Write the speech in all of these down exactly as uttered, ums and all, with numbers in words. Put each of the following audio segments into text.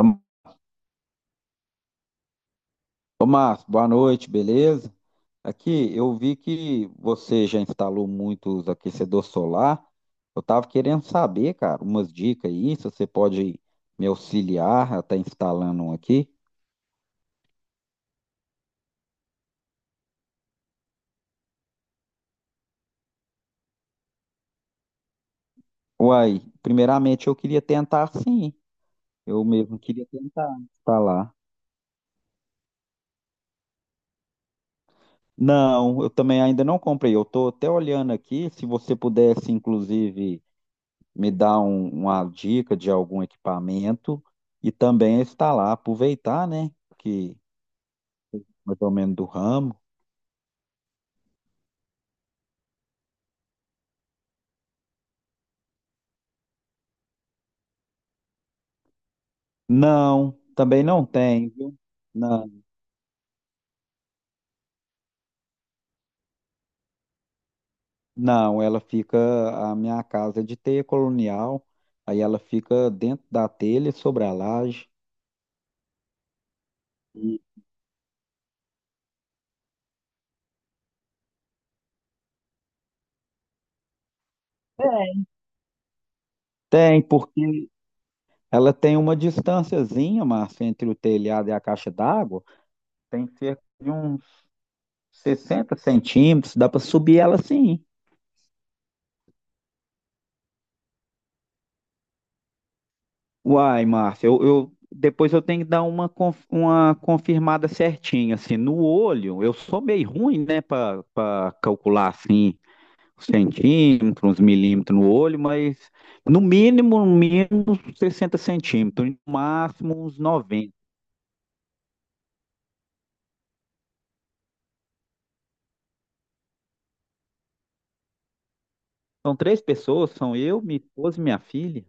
Ô, Márcio, boa noite, beleza? Aqui, eu vi que você já instalou muitos aquecedor solar. Eu estava querendo saber, cara, umas dicas aí, se você pode me auxiliar a estar instalando um aqui. Uai, primeiramente eu queria tentar sim. Eu mesmo queria tentar instalar. Não, eu também ainda não comprei. Eu estou até olhando aqui, se você pudesse, inclusive. me dá um- uma dica de algum equipamento e também está lá, aproveitar, né? Que mais ou menos do ramo. Não, também não tem, viu? Não, não, ela fica, a minha casa é de teia colonial, aí ela fica dentro da telha, sobre a laje. E- Tem, porque ela tem uma distânciazinha, Márcia, entre o telhado e a caixa d'água, tem cerca de uns sessenta centímetros, dá para subir ela sim. Uai, Márcia, eu, eu- depois eu tenho que dar uma, conf- uma confirmada certinha, assim, no olho, eu sou meio ruim, né, para calcular, assim, os centímetros, os milímetros no olho, mas no mínimo, no mínimo, uns sessenta centímetros, no máximo uns noventa. São três pessoas, são eu, minha esposa e minha filha.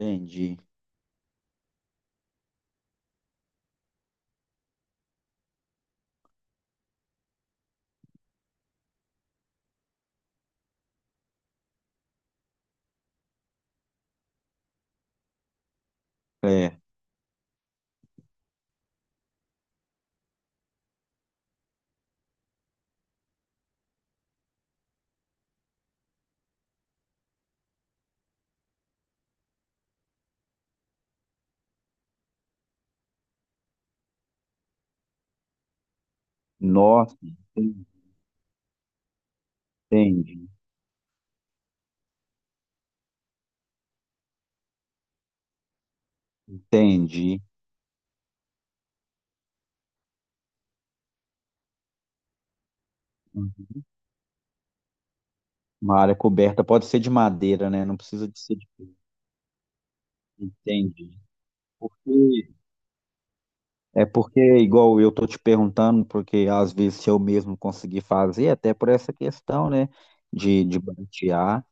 Entendi. É, nossa, entendi, entendi. Uma área coberta pode ser de madeira, né, não precisa de ser de... Entendi. Porque- É porque, igual eu tô te perguntando, porque às vezes se eu mesmo conseguir fazer, até por essa questão, né, de, de bantear.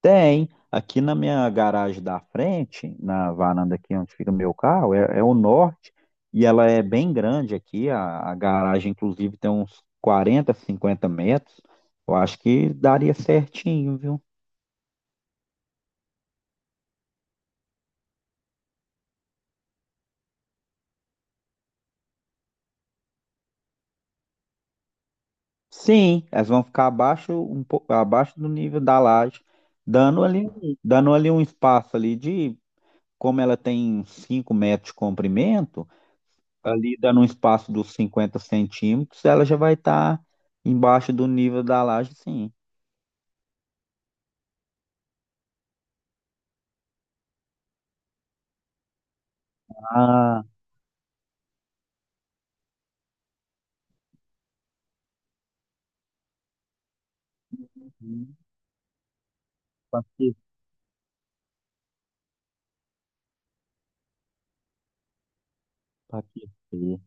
Tem, aqui na minha garagem da frente, na varanda aqui onde fica meu carro, é, é o norte, e ela é bem grande aqui, a, a garagem inclusive tem uns quarenta cinquenta metros, eu acho que daria certinho, viu? Sim, elas vão ficar abaixo, um pouco abaixo do nível da laje, dando ali, um- dando ali um espaço ali de, como ela tem cinco metros de comprimento, ali dando um espaço dos cinquenta centímetros, ela já vai estar embaixo do nível da laje, sim. Ah, para aquecer.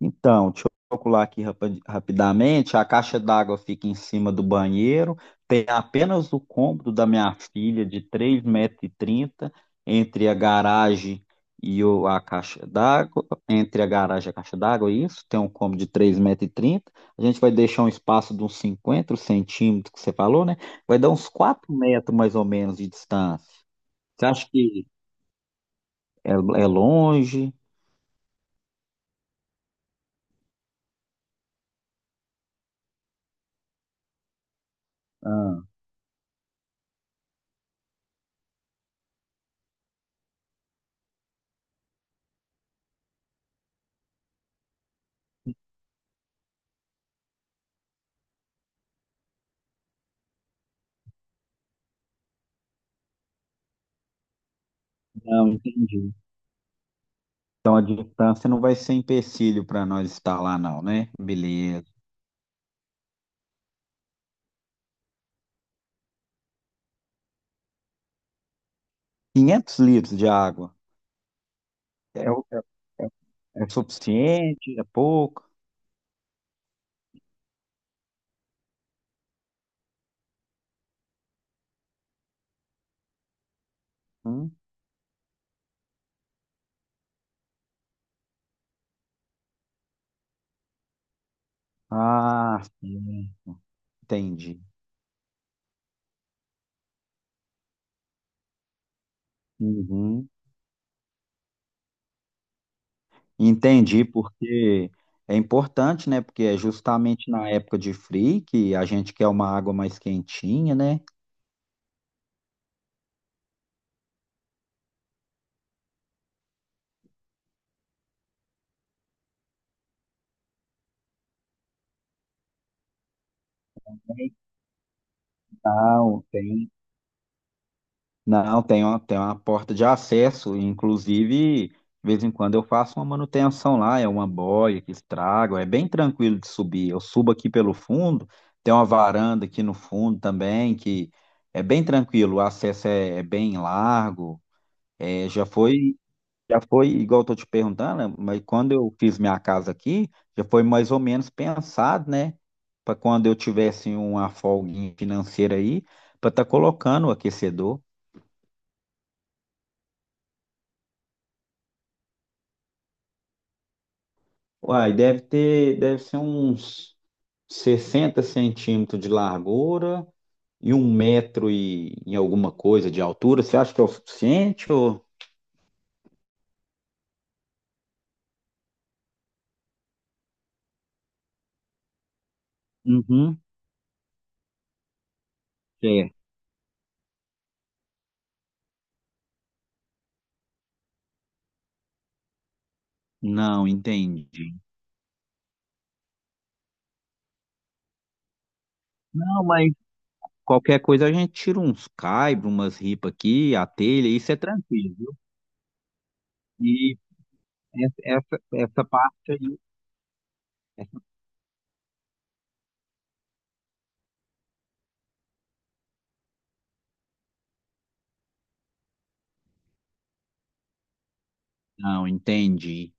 Então, deixa eu calcular aqui rapi- rapidamente. A caixa d'água fica em cima do banheiro. Tem apenas o cômodo da minha filha, de três metros e trinta entre a garagem e o- a caixa d'água. Entre a garagem e a caixa d'água, é isso. Tem um cômodo de três metros e trinta. A gente vai deixar um espaço de uns cinquenta centímetros, que você falou, né? Vai dar uns quatro metros, mais ou menos, de distância. Você acha que é, é longe? Ah, não, entendi. Então a distância não vai ser empecilho para nós estar lá, não, né? Beleza. Quinhentos litros de água, é, o- é é é suficiente? É pouco? Hum? Ah, sim. Entendi. Uhum. Entendi, porque é importante, né? Porque é justamente na época de frio que a gente quer uma água mais quentinha, né? Legal, tem não, tem uma, tem uma porta de acesso, inclusive, de vez em quando eu faço uma manutenção lá, é uma boia que estraga, é bem tranquilo de subir. Eu subo aqui pelo fundo, tem uma varanda aqui no fundo também, que é bem tranquilo, o acesso é, é bem largo. É, já foi, já foi, igual eu tô te perguntando, né, mas quando eu fiz minha casa aqui, já foi mais ou menos pensado, né? Para quando eu tivesse uma folguinha financeira aí, para estar colocando o aquecedor. Uai, deve ter, deve ser uns sessenta centímetros de largura e um metro e, e alguma coisa de altura. Você acha que é o suficiente ou... Uhum, é. Não, entendi. Não, mas qualquer coisa a gente tira uns caibros, umas ripas aqui, a telha, isso é tranquilo, viu? E essa, essa essa parte aí. Não, entendi.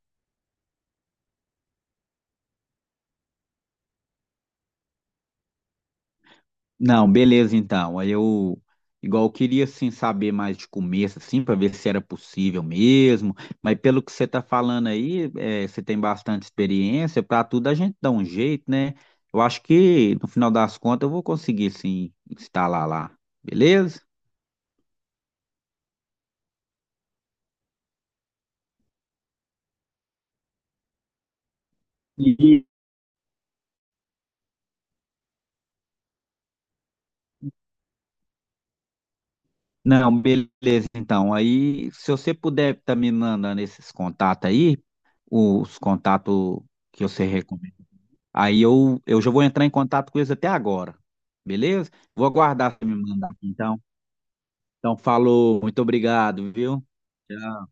Não, beleza então. Aí eu, igual eu queria assim saber mais de começo assim para ver se era possível mesmo, mas pelo que você está falando aí, é, você tem bastante experiência, para tudo a gente dá um jeito, né? Eu acho que no final das contas eu vou conseguir sim instalar lá. Beleza? E- Não, beleza então. Aí se você puder estar me mandando esses contatos aí, os contatos que você recomenda. Aí eu, eu já vou entrar em contato com eles até agora, beleza? Vou aguardar você me mandar, aqui, então. Então, falou, muito obrigado, viu? Tchau.